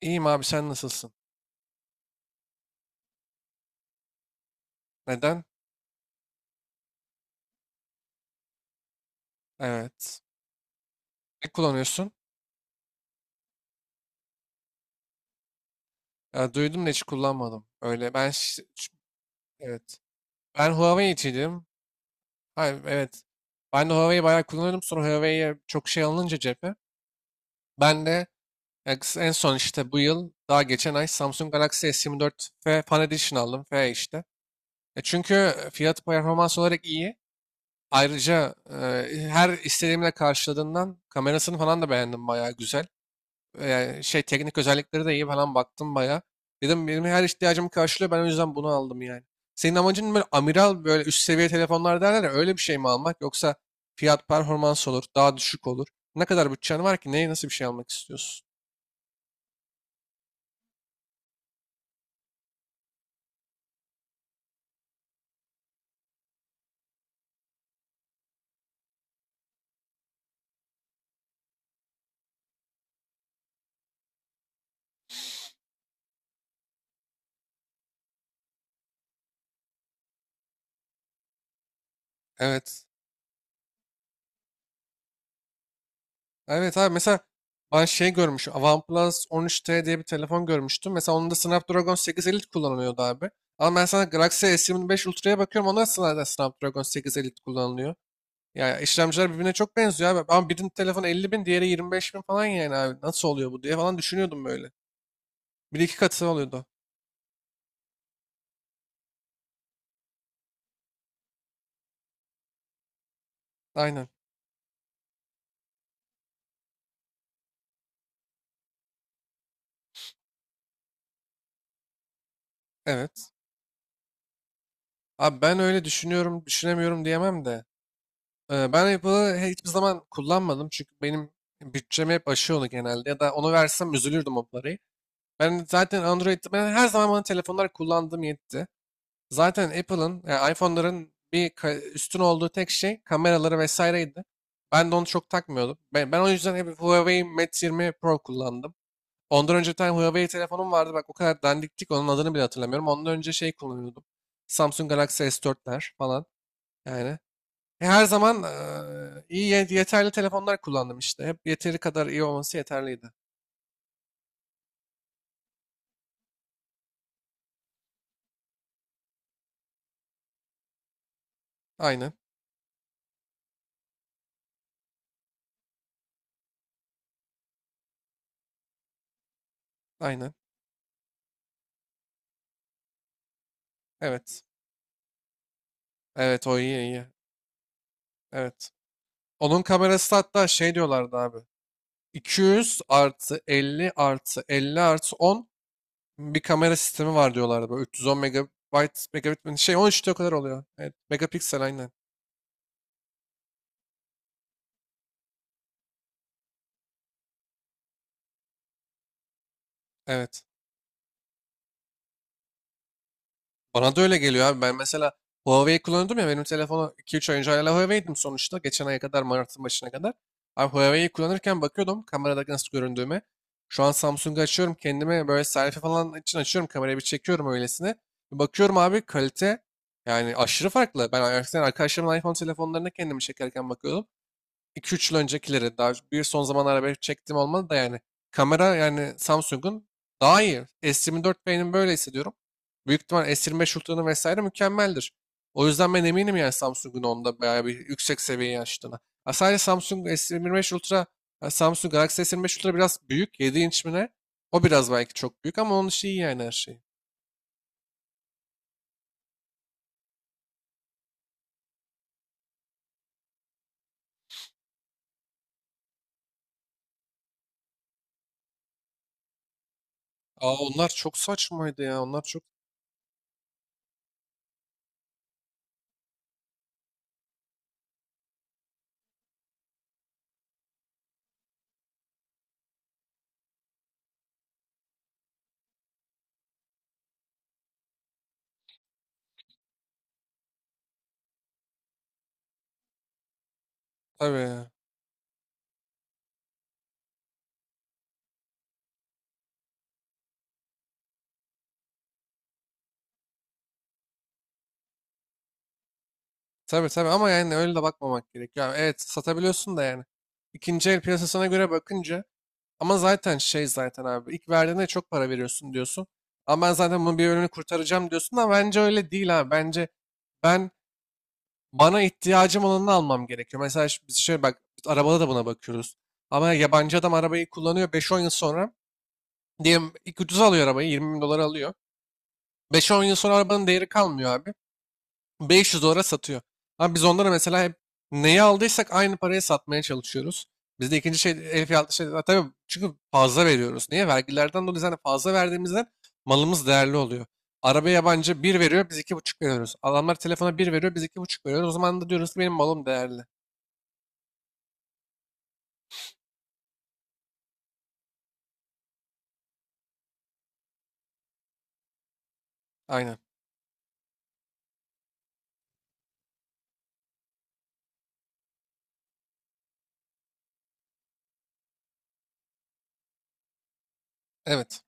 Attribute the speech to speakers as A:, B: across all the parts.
A: İyiyim abi sen nasılsın? Neden? Evet. Ne kullanıyorsun? Ya, duydum da hiç kullanmadım. Öyle ben evet. Ben Huawei'ciydim. Hayır, evet. Ben de Huawei'yi bayağı kullanıyordum. Sonra Huawei'ye çok şey alınınca cephe. Ben de ya, en son işte bu yıl daha geçen ay Samsung Galaxy S24 F Fan Edition aldım. F işte. Çünkü fiyat performans olarak iyi. Ayrıca her istediğimle karşıladığından kamerasını falan da beğendim, bayağı güzel. Şey, teknik özellikleri de iyi falan, baktım bayağı. Dedim benim her ihtiyacımı karşılıyor. Ben o yüzden bunu aldım yani. Senin amacın böyle amiral, böyle üst seviye telefonlar derler ya, öyle bir şey mi almak, yoksa fiyat performans olur, daha düşük olur. Ne kadar bütçen var ki, neye nasıl bir şey almak istiyorsun? Evet. Evet abi, mesela ben şey görmüşüm. OnePlus 13T diye bir telefon görmüştüm. Mesela onun da Snapdragon 8 Elite kullanılıyordu abi. Ama ben sana Galaxy S25 Ultra'ya bakıyorum. Onda da Snapdragon 8 Elite kullanılıyor. Ya, işlemciler birbirine çok benziyor abi. Ama birinin telefonu 50 bin, diğeri 25 bin falan yani abi. Nasıl oluyor bu diye falan düşünüyordum böyle. Bir iki katı oluyordu. Aynen. Evet. Abi ben öyle düşünüyorum, düşünemiyorum diyemem de. Ben Apple'ı hiçbir zaman kullanmadım. Çünkü benim bütçemi hep aşıyor onu genelde. Ya da onu versem üzülürdüm o parayı. Ben zaten Android'de, ben her zaman bana telefonlar kullandığım yetti. Zaten Apple'ın yani iPhone'ların üstün olduğu tek şey kameraları vesaireydi. Ben de onu çok takmıyordum. Ben o yüzden hep Huawei Mate 20 Pro kullandım. Ondan önce bir tane Huawei telefonum vardı. Bak, o kadar dandiktik onun adını bile hatırlamıyorum. Ondan önce şey kullanıyordum. Samsung Galaxy S4'ler falan yani. Her zaman iyi yeterli telefonlar kullandım işte. Hep yeteri kadar iyi olması yeterliydi. Aynen. Aynen. Evet. Evet, o iyi iyi. Evet. Onun kamerası da hatta şey diyorlardı abi. 200 artı 50 artı 50 artı 10 bir kamera sistemi var diyorlardı. Böyle 310 megabayt şey 13 de o kadar oluyor. Evet, megapiksel aynen. Evet. Bana da öyle geliyor abi. Ben mesela Huawei kullanıyordum ya, benim telefonu 2-3 ay önce hala Huawei'dim sonuçta. Geçen aya kadar, Mart'ın başına kadar. Abi Huawei'yi kullanırken bakıyordum kamerada nasıl göründüğüme. Şu an Samsung'u açıyorum, kendime böyle selfie falan için açıyorum kamerayı, bir çekiyorum öylesine. Bir bakıyorum abi, kalite yani aşırı farklı. Ben eskiden arkadaşlarımın iPhone telefonlarına kendimi çekerken bakıyordum. 2 üç yıl öncekileri, daha bir son zamanlarda belki çektiğim olmadı da yani kamera yani Samsung'un daha iyi. S24 benim, böyle hissediyorum. Büyük ihtimal S25 Ultra'nın vesaire mükemmeldir. O yüzden ben eminim yani Samsung'un onda bayağı bir yüksek seviyeye açtığına. Ha, sadece Samsung S25 Ultra, ha, Samsung Galaxy S25 Ultra biraz büyük. 7 inç mi ne? O biraz belki çok büyük ama onun işi iyi yani her şey. Aa, onlar çok saçmaydı ya. Onlar çok tabii. Tabii, tabii ama yani öyle de bakmamak gerekiyor. Yani evet satabiliyorsun da yani. İkinci el piyasasına göre bakınca, ama zaten şey, zaten abi ilk verdiğinde çok para veriyorsun diyorsun. Ama ben zaten bunun bir bölümünü kurtaracağım diyorsun ama bence öyle değil abi. Bence ben, bana ihtiyacım olanını almam gerekiyor. Mesela biz şey bak, arabada da buna bakıyoruz. Ama yabancı adam arabayı kullanıyor beş on yıl sonra. Diyelim ilk ucuza alıyor arabayı, 20 bin dolara alıyor. Beş on yıl sonra arabanın değeri kalmıyor abi. 500 dolara satıyor. Ama biz onlara mesela hep neyi aldıysak aynı paraya satmaya çalışıyoruz. Bizde ikinci şey el fiyatlı şey. Ha, tabii çünkü fazla veriyoruz. Niye? Vergilerden dolayı zaten fazla verdiğimizden malımız değerli oluyor. Arabaya yabancı bir veriyor, biz iki buçuk veriyoruz. Adamlar telefona bir veriyor, biz iki buçuk veriyoruz. O zaman da diyoruz ki benim malım değerli. Aynen. Evet.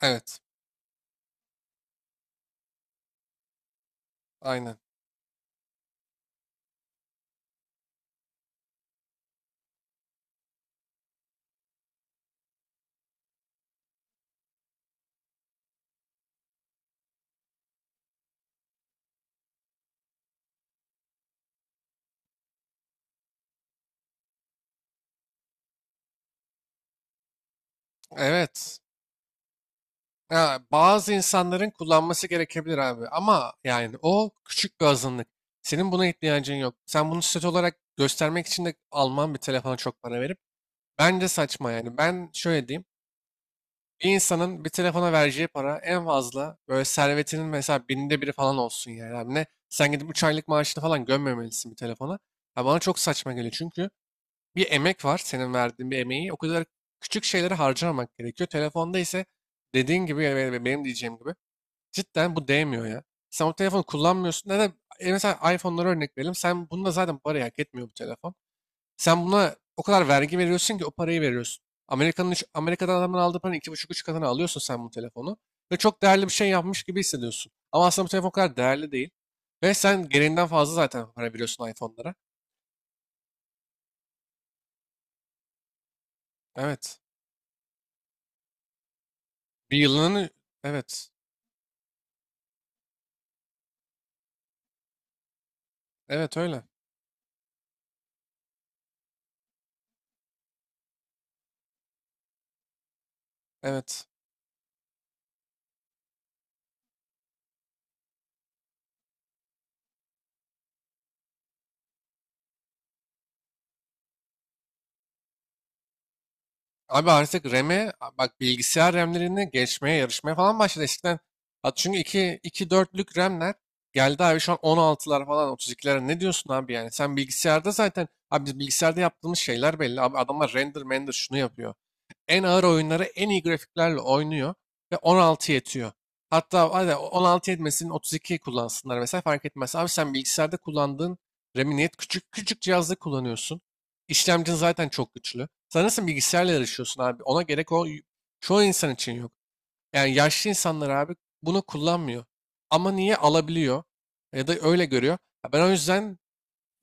A: Evet. Aynen. Evet. Ha, bazı insanların kullanması gerekebilir abi ama yani o küçük bir azınlık. Senin buna ihtiyacın yok. Sen bunu statü olarak göstermek için de alman bir telefona çok para verip. Bence saçma yani. Ben şöyle diyeyim. Bir insanın bir telefona vereceği para en fazla böyle servetinin mesela binde biri falan olsun yani. Abi ne? Sen gidip 3 aylık maaşını falan gömmemelisin bir telefona. Ha, bana çok saçma geliyor çünkü bir emek var, senin verdiğin bir emeği o kadar küçük şeylere harcamamak gerekiyor. Telefonda ise dediğin gibi ve benim diyeceğim gibi cidden bu değmiyor ya. Sen o telefonu kullanmıyorsun. Neden? E mesela iPhone'lara örnek verelim. Sen bununla zaten parayı hak etmiyor bu telefon. Sen buna o kadar vergi veriyorsun ki o parayı veriyorsun. Amerika'nın Amerika'dan adamın aldığı paranın iki buçuk üç katını alıyorsun sen bu telefonu. Ve çok değerli bir şey yapmış gibi hissediyorsun. Ama aslında bu telefon o kadar değerli değil. Ve sen gereğinden fazla zaten para veriyorsun iPhone'lara. Evet. Bir yılının... Evet. Evet öyle. Evet. Abi artık bak bilgisayar RAM'lerini geçmeye yarışmaya falan başladı. Eskiden at çünkü 2 4'lük RAM'ler geldi abi, şu an 16'lar falan, 32'lere ne diyorsun abi yani? Sen bilgisayarda zaten abi, biz bilgisayarda yaptığımız şeyler belli. Abi adamlar render render şunu yapıyor, en ağır oyunları en iyi grafiklerle oynuyor ve 16 yetiyor. Hatta hadi 16 yetmesin 32 kullansınlar mesela, fark etmez. Abi sen bilgisayarda kullandığın RAM'i niye küçük küçük cihazda kullanıyorsun? İşlemcin zaten çok güçlü. Sen nasıl bilgisayarla yarışıyorsun abi? Ona gerek, o çoğu insan için yok. Yani yaşlı insanlar abi bunu kullanmıyor. Ama niye alabiliyor? Ya da öyle görüyor. Ya ben o yüzden,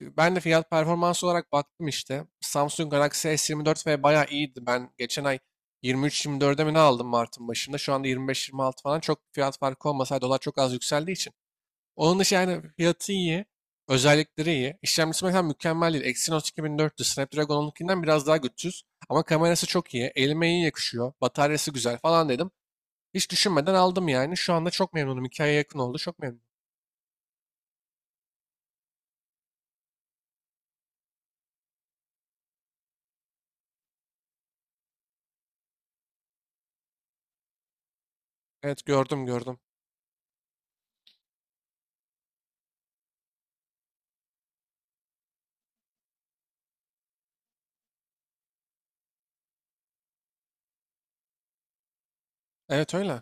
A: ben de fiyat performans olarak baktım işte. Samsung Galaxy S24 ve bayağı iyiydi. Ben geçen ay 23-24'e mi ne aldım Mart'ın başında. Şu anda 25-26 falan, çok fiyat farkı olmasaydı, dolar çok az yükseldiği için. Onun dışı yani fiyatı iyi. Özellikleri iyi. İşlemcisi mesela mükemmel değil. Exynos 2400, Snapdragon 12'den biraz daha güçsüz. Ama kamerası çok iyi. Elime iyi yakışıyor. Bataryası güzel falan dedim. Hiç düşünmeden aldım yani. Şu anda çok memnunum. 2 aya yakın oldu. Çok memnunum. Evet, gördüm gördüm. Evet öyle.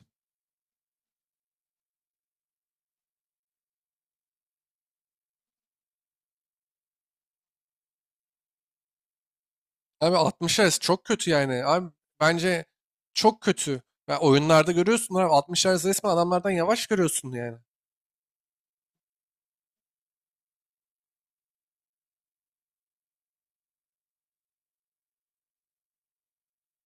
A: Abi 60 Hz çok kötü yani. Abi bence çok kötü. Ya oyunlarda görüyorsun abi, 60 Hz resmen adamlardan yavaş görüyorsun yani.